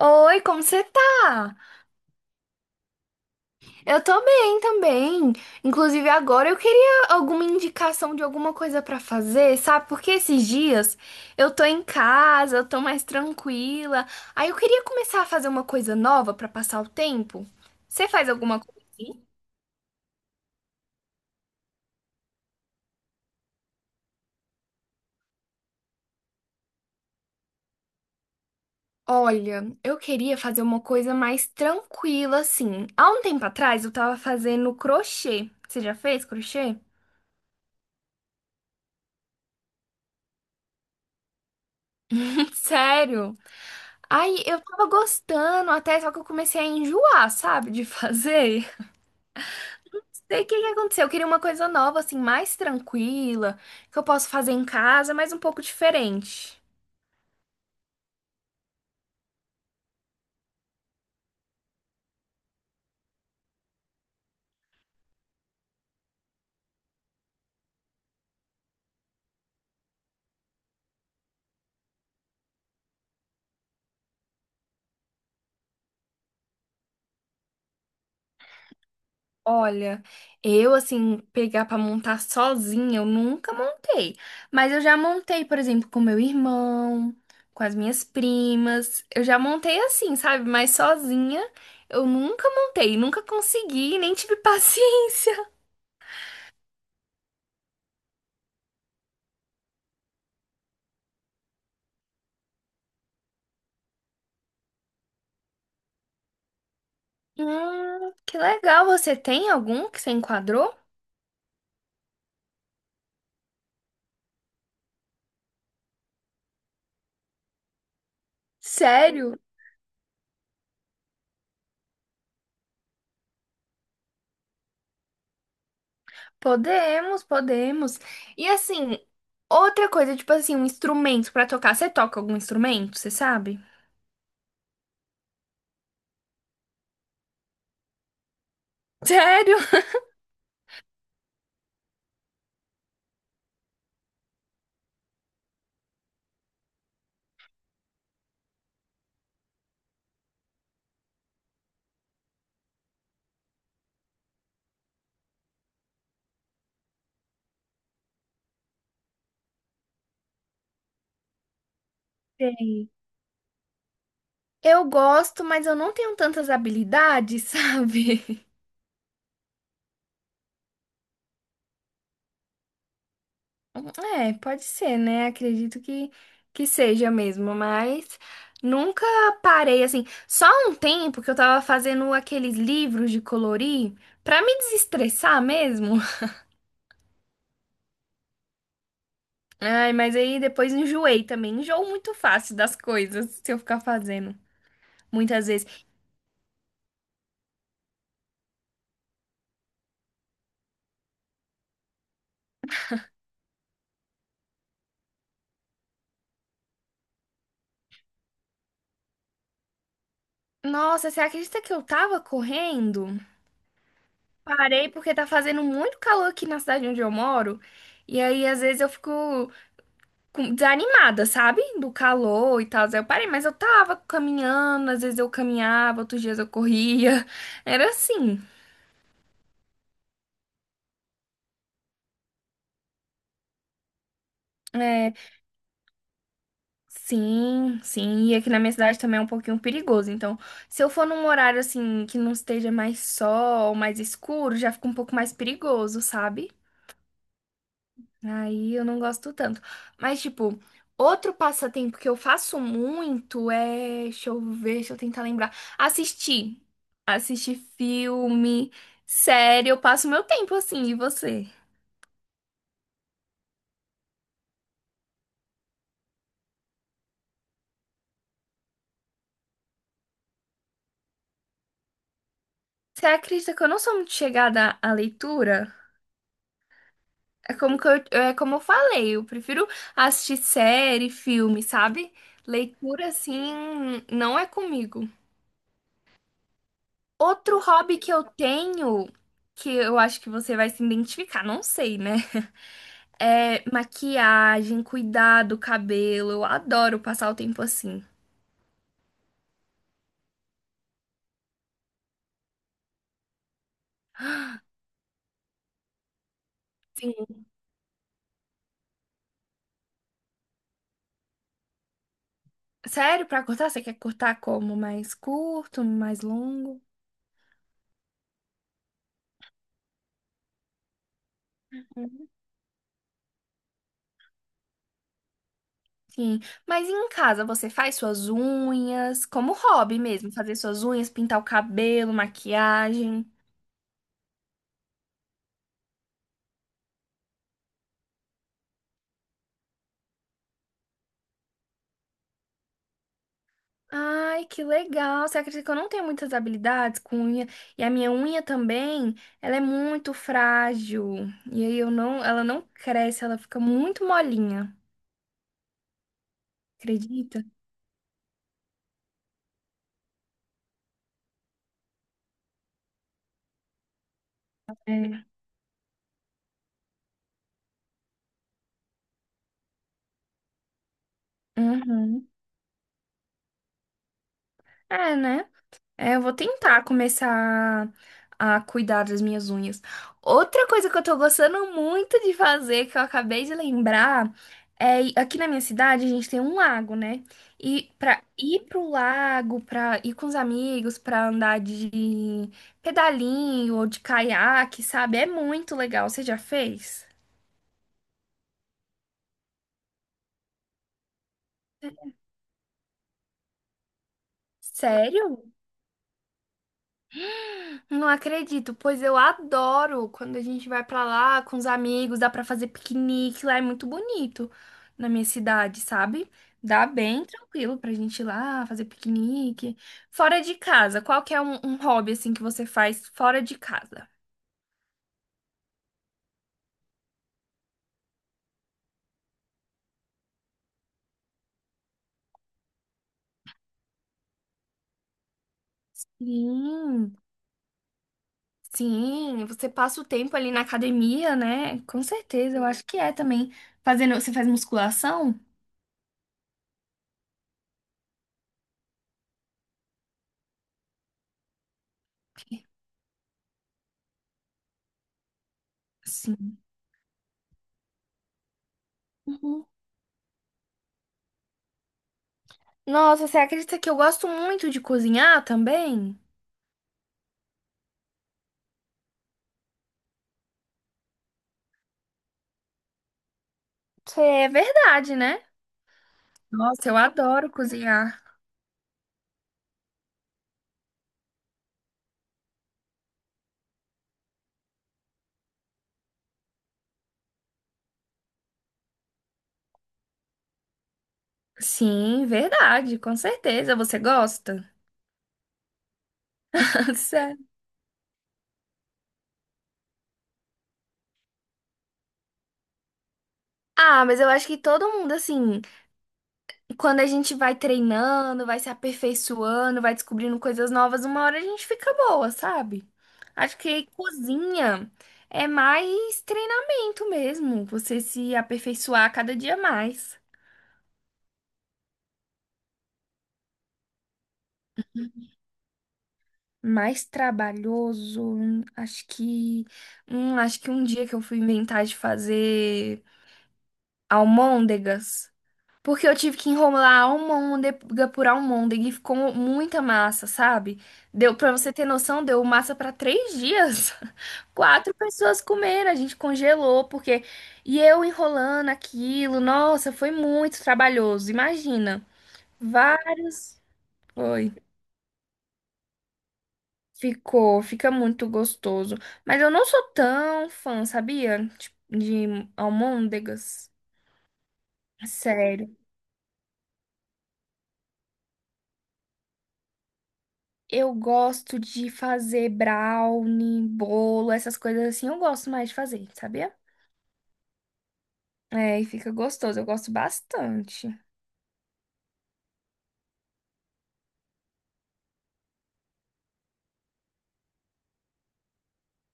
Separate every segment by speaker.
Speaker 1: Oi, como você tá? Eu tô bem também. Inclusive, agora eu queria alguma indicação de alguma coisa pra fazer, sabe? Porque esses dias eu tô em casa, eu tô mais tranquila. Aí eu queria começar a fazer uma coisa nova pra passar o tempo. Você faz alguma coisa assim? Olha, eu queria fazer uma coisa mais tranquila assim. Há um tempo atrás eu tava fazendo crochê. Você já fez crochê? Sério? Aí eu tava gostando até, só que eu comecei a enjoar, sabe, de fazer. Sei o que que aconteceu. Eu queria uma coisa nova, assim, mais tranquila, que eu posso fazer em casa, mas um pouco diferente. Olha, eu, assim, pegar pra montar sozinha, eu nunca montei. Mas eu já montei, por exemplo, com meu irmão, com as minhas primas. Eu já montei assim, sabe, mas sozinha. Eu nunca montei, nunca consegui, nem tive paciência. Que legal, você tem algum que você enquadrou? Sério? Podemos, podemos. E assim, outra coisa, tipo assim, um instrumento pra tocar. Você toca algum instrumento, você sabe? Sério? Sei. Eu gosto, mas eu não tenho tantas habilidades, sabe? É, pode ser, né? Acredito que seja mesmo, mas nunca parei assim. Só um tempo que eu tava fazendo aqueles livros de colorir pra me desestressar mesmo. Ai, mas aí depois enjoei também. Enjoo muito fácil das coisas se eu ficar fazendo. Muitas vezes. Nossa, você acredita que eu tava correndo? Parei porque tá fazendo muito calor aqui na cidade onde eu moro. E aí, às vezes, eu fico desanimada, sabe? Do calor e tal. Aí eu parei, mas eu tava caminhando, às vezes eu caminhava, outros dias eu corria. Era assim. É, sim, sim, e aqui na minha cidade também é um pouquinho perigoso. Então, se eu for num horário assim que não esteja mais sol, mais escuro, já fica um pouco mais perigoso, sabe? Aí eu não gosto tanto. Mas, tipo, outro passatempo que eu faço muito é. Deixa eu ver, deixa eu tentar lembrar. Assistir. Assistir filme, série, eu passo meu tempo assim, e você? Você acredita que eu não sou muito chegada à leitura? É como que eu, é como eu falei, eu prefiro assistir série, filme, sabe? Leitura, assim, não é comigo. Outro hobby que eu tenho, que eu acho que você vai se identificar, não sei, né? É maquiagem, cuidar do cabelo. Eu adoro passar o tempo assim. Sim. Sério, pra cortar? Você quer cortar como? Mais curto, mais longo? Sim, mas em casa você faz suas unhas, como hobby mesmo, fazer suas unhas, pintar o cabelo, maquiagem. Ai, que legal! Você acredita que eu não tenho muitas habilidades com unha? E a minha unha também, ela é muito frágil. E aí eu não, ela não cresce, ela fica muito molinha. Acredita? É. Uhum. É, né? É, eu vou tentar começar a cuidar das minhas unhas. Outra coisa que eu tô gostando muito de fazer, que eu acabei de lembrar, é aqui na minha cidade a gente tem um lago, né? E pra ir pro lago, pra ir com os amigos, pra andar de pedalinho ou de caiaque, sabe? É muito legal. Você já fez? Sério? Não acredito, pois eu adoro quando a gente vai pra lá com os amigos, dá pra fazer piquenique, lá é muito bonito na minha cidade, sabe? Dá bem tranquilo pra gente ir lá fazer piquenique. Fora de casa, qual que é um hobby assim que você faz fora de casa? Sim, sim, você passa o tempo ali na academia, né? Com certeza, eu acho que é também. Fazendo, você faz musculação? Sim. Uhum. Nossa, você acredita que eu gosto muito de cozinhar também? Que é verdade, né? Nossa, eu adoro cozinhar. Sim, verdade, com certeza. Você gosta? Sério. Ah, mas eu acho que todo mundo, assim, quando a gente vai treinando, vai se aperfeiçoando, vai descobrindo coisas novas, uma hora a gente fica boa, sabe? Acho que cozinha é mais treinamento mesmo, você se aperfeiçoar cada dia mais. Mais trabalhoso, acho que um dia que eu fui inventar de fazer. Almôndegas. Porque eu tive que enrolar a almôndega por almôndega e ficou muita massa, sabe? Deu pra você ter noção, deu massa pra 3 dias. Quatro pessoas comeram, a gente congelou, porque. E eu enrolando aquilo, nossa, foi muito trabalhoso. Imagina, vários. Foi. Ficou, fica muito gostoso. Mas eu não sou tão fã, sabia? Tipo, de almôndegas. Sério. Eu gosto de fazer brownie, bolo, essas coisas assim. Eu gosto mais de fazer, sabia? É, e fica gostoso. Eu gosto bastante.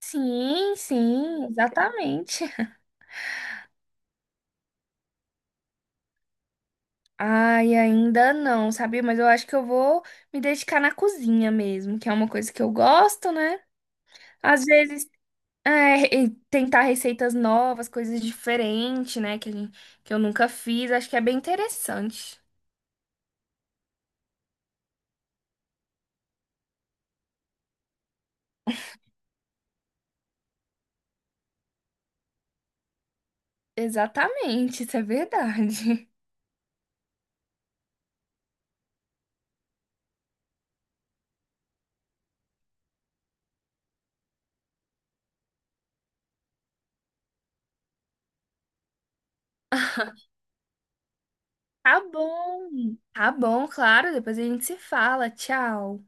Speaker 1: Sim, sim, exatamente. Ai, ainda não, sabia? Mas eu acho que eu vou me dedicar na cozinha mesmo, que é uma coisa que eu gosto, né? Às vezes, é, e tentar receitas novas, coisas diferentes, né? Que, a gente, que eu nunca fiz. Acho que é bem interessante. Exatamente, isso é verdade. Tá bom. Tá bom, claro. Depois a gente se fala. Tchau.